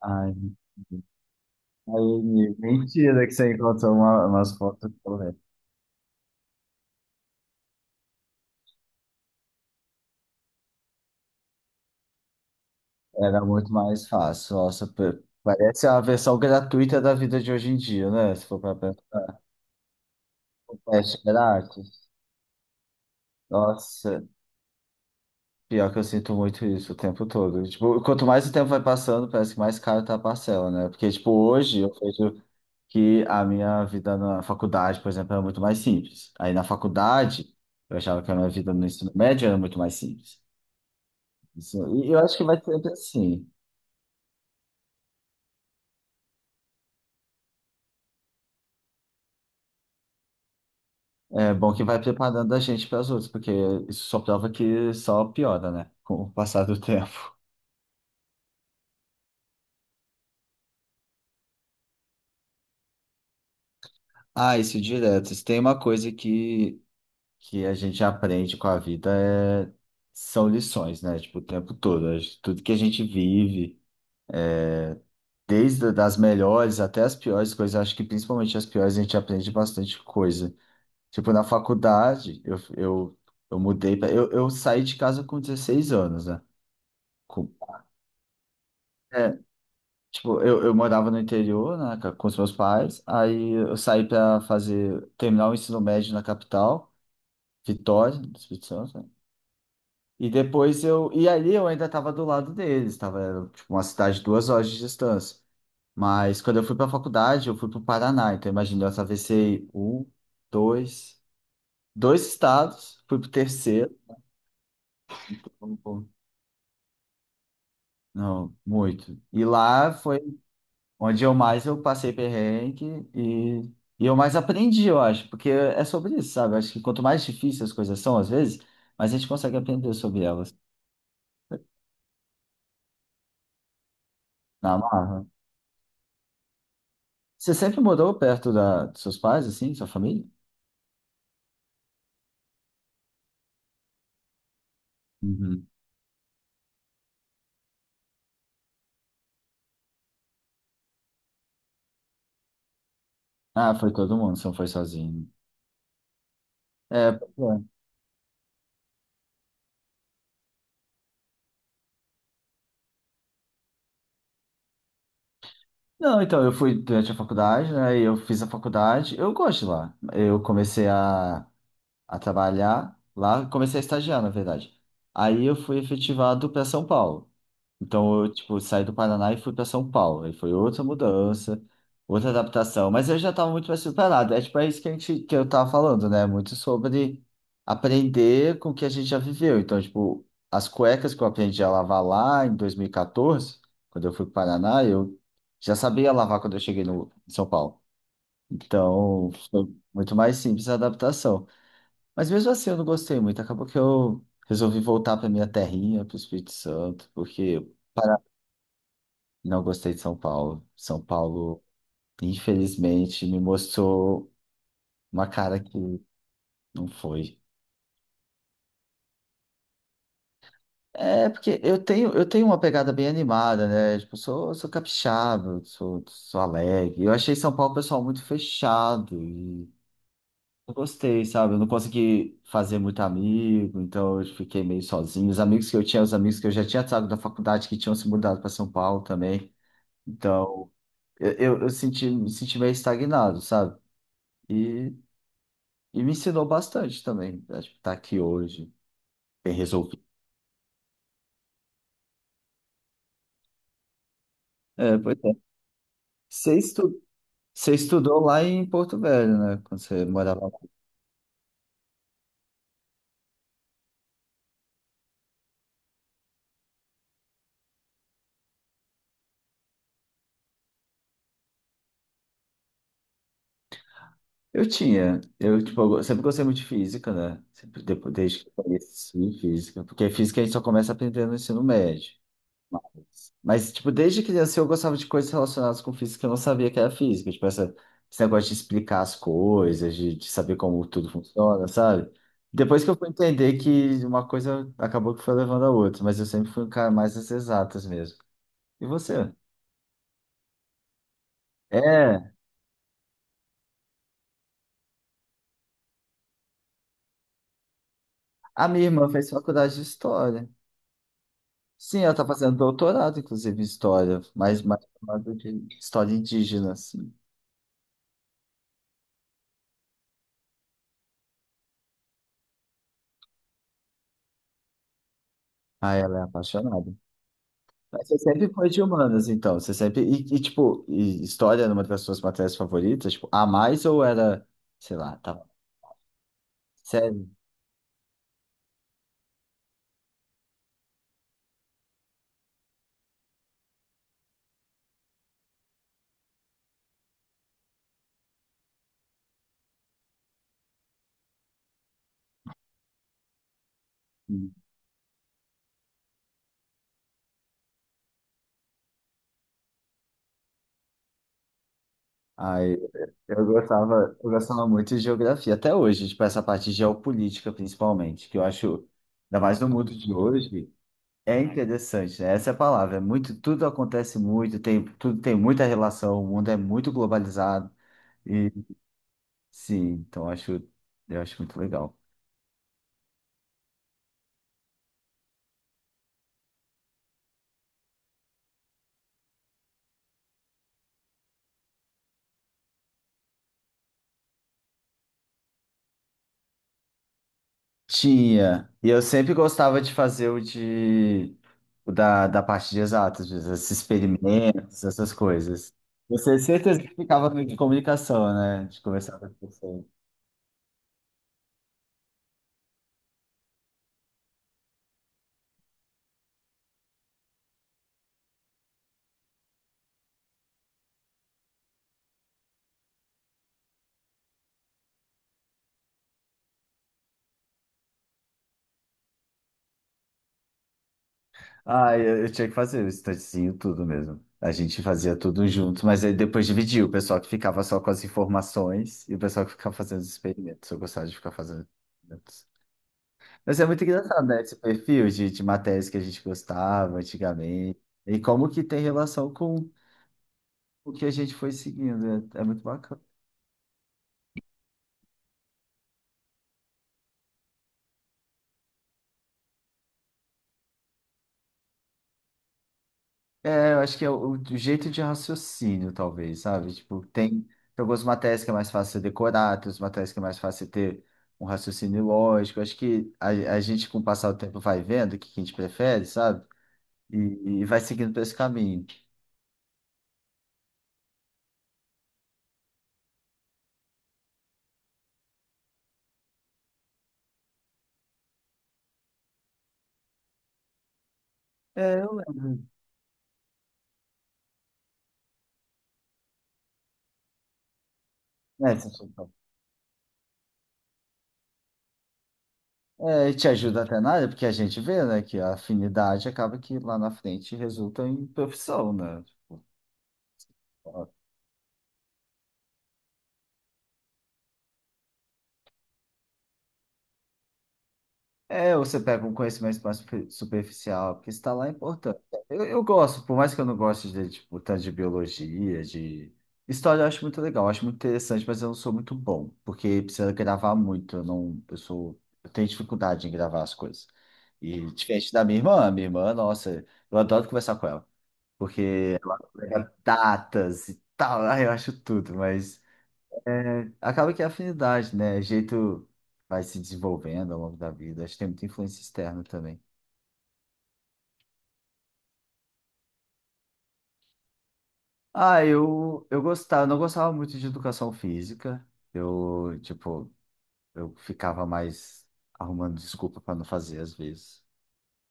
Ai, aí, mentira que você encontrou umas fotos corretas. Era muito mais fácil. Nossa, parece a versão gratuita da vida de hoje em dia, né? Se for para pensar, teste grátis. Nossa, pior que eu sinto muito isso o tempo todo. Tipo, quanto mais o tempo vai passando, parece que mais caro tá a parcela, né? Porque, tipo, hoje eu vejo que a minha vida na faculdade, por exemplo, era muito mais simples. Aí na faculdade, eu achava que a minha vida no ensino médio era muito mais simples. Isso- E eu acho que vai ser sempre assim. É bom que vai preparando a gente para as outras, porque isso só prova que só piora, né? Com o passar do tempo. Ah, isso direto. Se tem uma coisa que a gente aprende com a vida é... são lições, né? Tipo, o tempo todo. A gente... Tudo que a gente vive, desde das melhores até as piores coisas, acho que principalmente as piores a gente aprende bastante coisa. Tipo, na faculdade, eu mudei, pra... eu saí de casa com 16 anos, né? Com... é, tipo, eu morava no interior, né, com os meus pais, aí eu saí para fazer, terminar o ensino médio na capital, Vitória, no Espírito Santo, né? E depois eu, e ali eu ainda estava do lado deles, estava, era, tipo, uma cidade de 2 horas de distância. Mas quando eu fui para a faculdade, eu fui para o Paraná, então imagina, eu atravessei um, dois, dois estados, fui para o terceiro, não, muito. E lá foi onde eu mais eu passei perrengue e eu mais aprendi, eu acho, porque é sobre isso, sabe? Eu acho que quanto mais difíceis as coisas são, às vezes, mas a gente consegue aprender sobre elas na marra. Você sempre morou perto da, dos seus pais, assim, sua família? Uhum. Ah, foi todo mundo, você não foi sozinho. É, pois é. Não, então, eu fui durante a faculdade, né? E eu fiz a faculdade, eu gosto de lá. Eu comecei a trabalhar lá, comecei a estagiar, na verdade. Aí eu fui efetivado para São Paulo. Então eu, tipo, saí do Paraná e fui para São Paulo. Aí foi outra mudança, outra adaptação, mas eu já estava muito mais preparado. É tipo é isso que a gente que eu tava falando, né? Muito sobre aprender com o que a gente já viveu. Então, tipo, as cuecas que eu aprendi a lavar lá em 2014, quando eu fui para o Paraná, eu já sabia lavar quando eu cheguei no em São Paulo. Então, foi muito mais simples a adaptação. Mas mesmo assim eu não gostei muito. Acabou que eu resolvi voltar para minha terrinha, para o Espírito Santo, porque para... não gostei de São Paulo. São Paulo, infelizmente, me mostrou uma cara que não foi. É porque eu tenho uma pegada bem animada, né? Tipo, eu sou capixaba, eu sou alegre. Eu achei São Paulo, um pessoal, muito fechado. Eu gostei, sabe? Eu não consegui fazer muito amigo, então eu fiquei meio sozinho. Os amigos que eu tinha, os amigos que eu já tinha sabe, da faculdade, que tinham se mudado para São Paulo também. Então, eu senti, me senti meio estagnado, sabe? E, e me ensinou bastante também. Acho que estar aqui hoje, bem resolvido. É, pois é. Você estu- você estudou lá em Porto Velho, né? Quando você morava lá. Eu tinha. Eu, tipo, eu sempre gostei muito de física, né? Sempre, depois, desde que eu conheci física. Porque física a gente só começa aprendendo no ensino médio. Mas, tipo, desde criança eu gostava de coisas relacionadas com física que eu não sabia que era física. Tipo, essa, esse negócio de explicar as coisas, de saber como tudo funciona, sabe? Depois que eu fui entender que uma coisa acabou que foi levando a outra, mas eu sempre fui um cara mais das exatas mesmo. E você? É, a minha irmã fez faculdade de história. Sim, ela tá fazendo doutorado, inclusive, em história, mas mais chamada de história indígena, assim. Ah, ela é apaixonada. Mas você sempre foi de humanas, então. Você sempre. E, tipo, e história era uma das suas matérias favoritas? Tipo, a mais ou era, sei lá, tá. Sério? Hum. Ai, eu gostava muito de geografia, até hoje, tipo, essa parte de geopolítica, principalmente, que eu acho, ainda mais no mundo de hoje, é interessante, né? Essa é a palavra. É muito, tudo acontece muito, tem, tudo tem muita relação, o mundo é muito globalizado. E sim, então eu acho muito legal. Tinha. E eu sempre gostava de fazer o de o da parte de exatas, esses experimentos, essas coisas. Você tem certeza que ficava de comunicação, né? De conversar com as pessoas. Ah, eu tinha que fazer o estantezinho, tudo mesmo. A gente fazia tudo junto, mas aí depois dividia o pessoal que ficava só com as informações e o pessoal que ficava fazendo os experimentos. Eu gostava de ficar fazendo experimentos. Mas é muito engraçado, né? Esse perfil de matérias que a gente gostava antigamente. E como que tem relação com o que a gente foi seguindo. É, é muito bacana. É, eu acho que é o jeito de raciocínio, talvez, sabe? Tipo, tem algumas matérias que é mais fácil você decorar, tem outras matérias que é mais fácil você ter um raciocínio lógico. Eu acho que a gente, com o passar do tempo, vai vendo o que que a gente prefere, sabe? E, e vai seguindo por esse caminho. É, eu lembro. É, sensacional. É, e te ajuda até na área, porque a gente vê, né, que a afinidade acaba que lá na frente resulta em profissão, né? Tipo, é, ou você pega um conhecimento mais superficial, porque está lá é importante. Eu gosto, por mais que eu não goste de, tipo, tanto de biologia, de... História eu acho muito legal, eu acho muito interessante, mas eu não sou muito bom, porque precisa gravar muito, eu não... Eu sou... Eu tenho dificuldade em gravar as coisas. E diferente da minha irmã, nossa, eu adoro conversar com ela, porque pega datas e tal, ai, eu acho tudo, mas... É, acaba que é afinidade, né? É jeito vai se desenvolvendo ao longo da vida. Acho que tem muita influência externa também. Ah, eu gostava, não gostava muito de educação física. Eu, tipo, eu ficava mais arrumando desculpa para não fazer às vezes.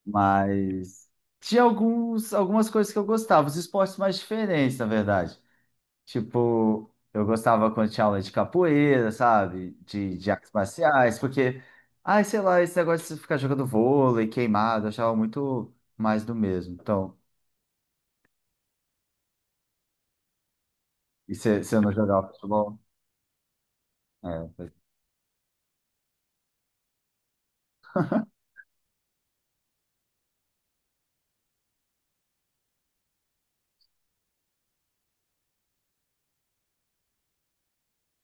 Mas tinha alguns, algumas coisas que eu gostava, os esportes mais diferentes, na verdade. Tipo, eu gostava quando tinha aula de capoeira, sabe? De artes marciais, porque, ai, sei lá, esse negócio de ficar jogando vôlei, queimado, eu achava muito mais do mesmo. Então, e se eu não jogava futebol? É, pois-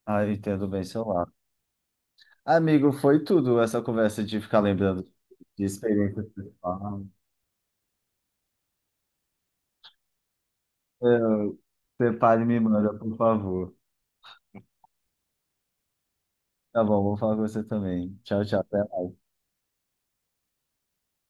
ah, eu entendo bem seu lado. Amigo, foi tudo essa conversa de ficar lembrando de experiências pessoais. Separe e me manda, por favor. Tá bom, vou falar com você também. Tchau, tchau.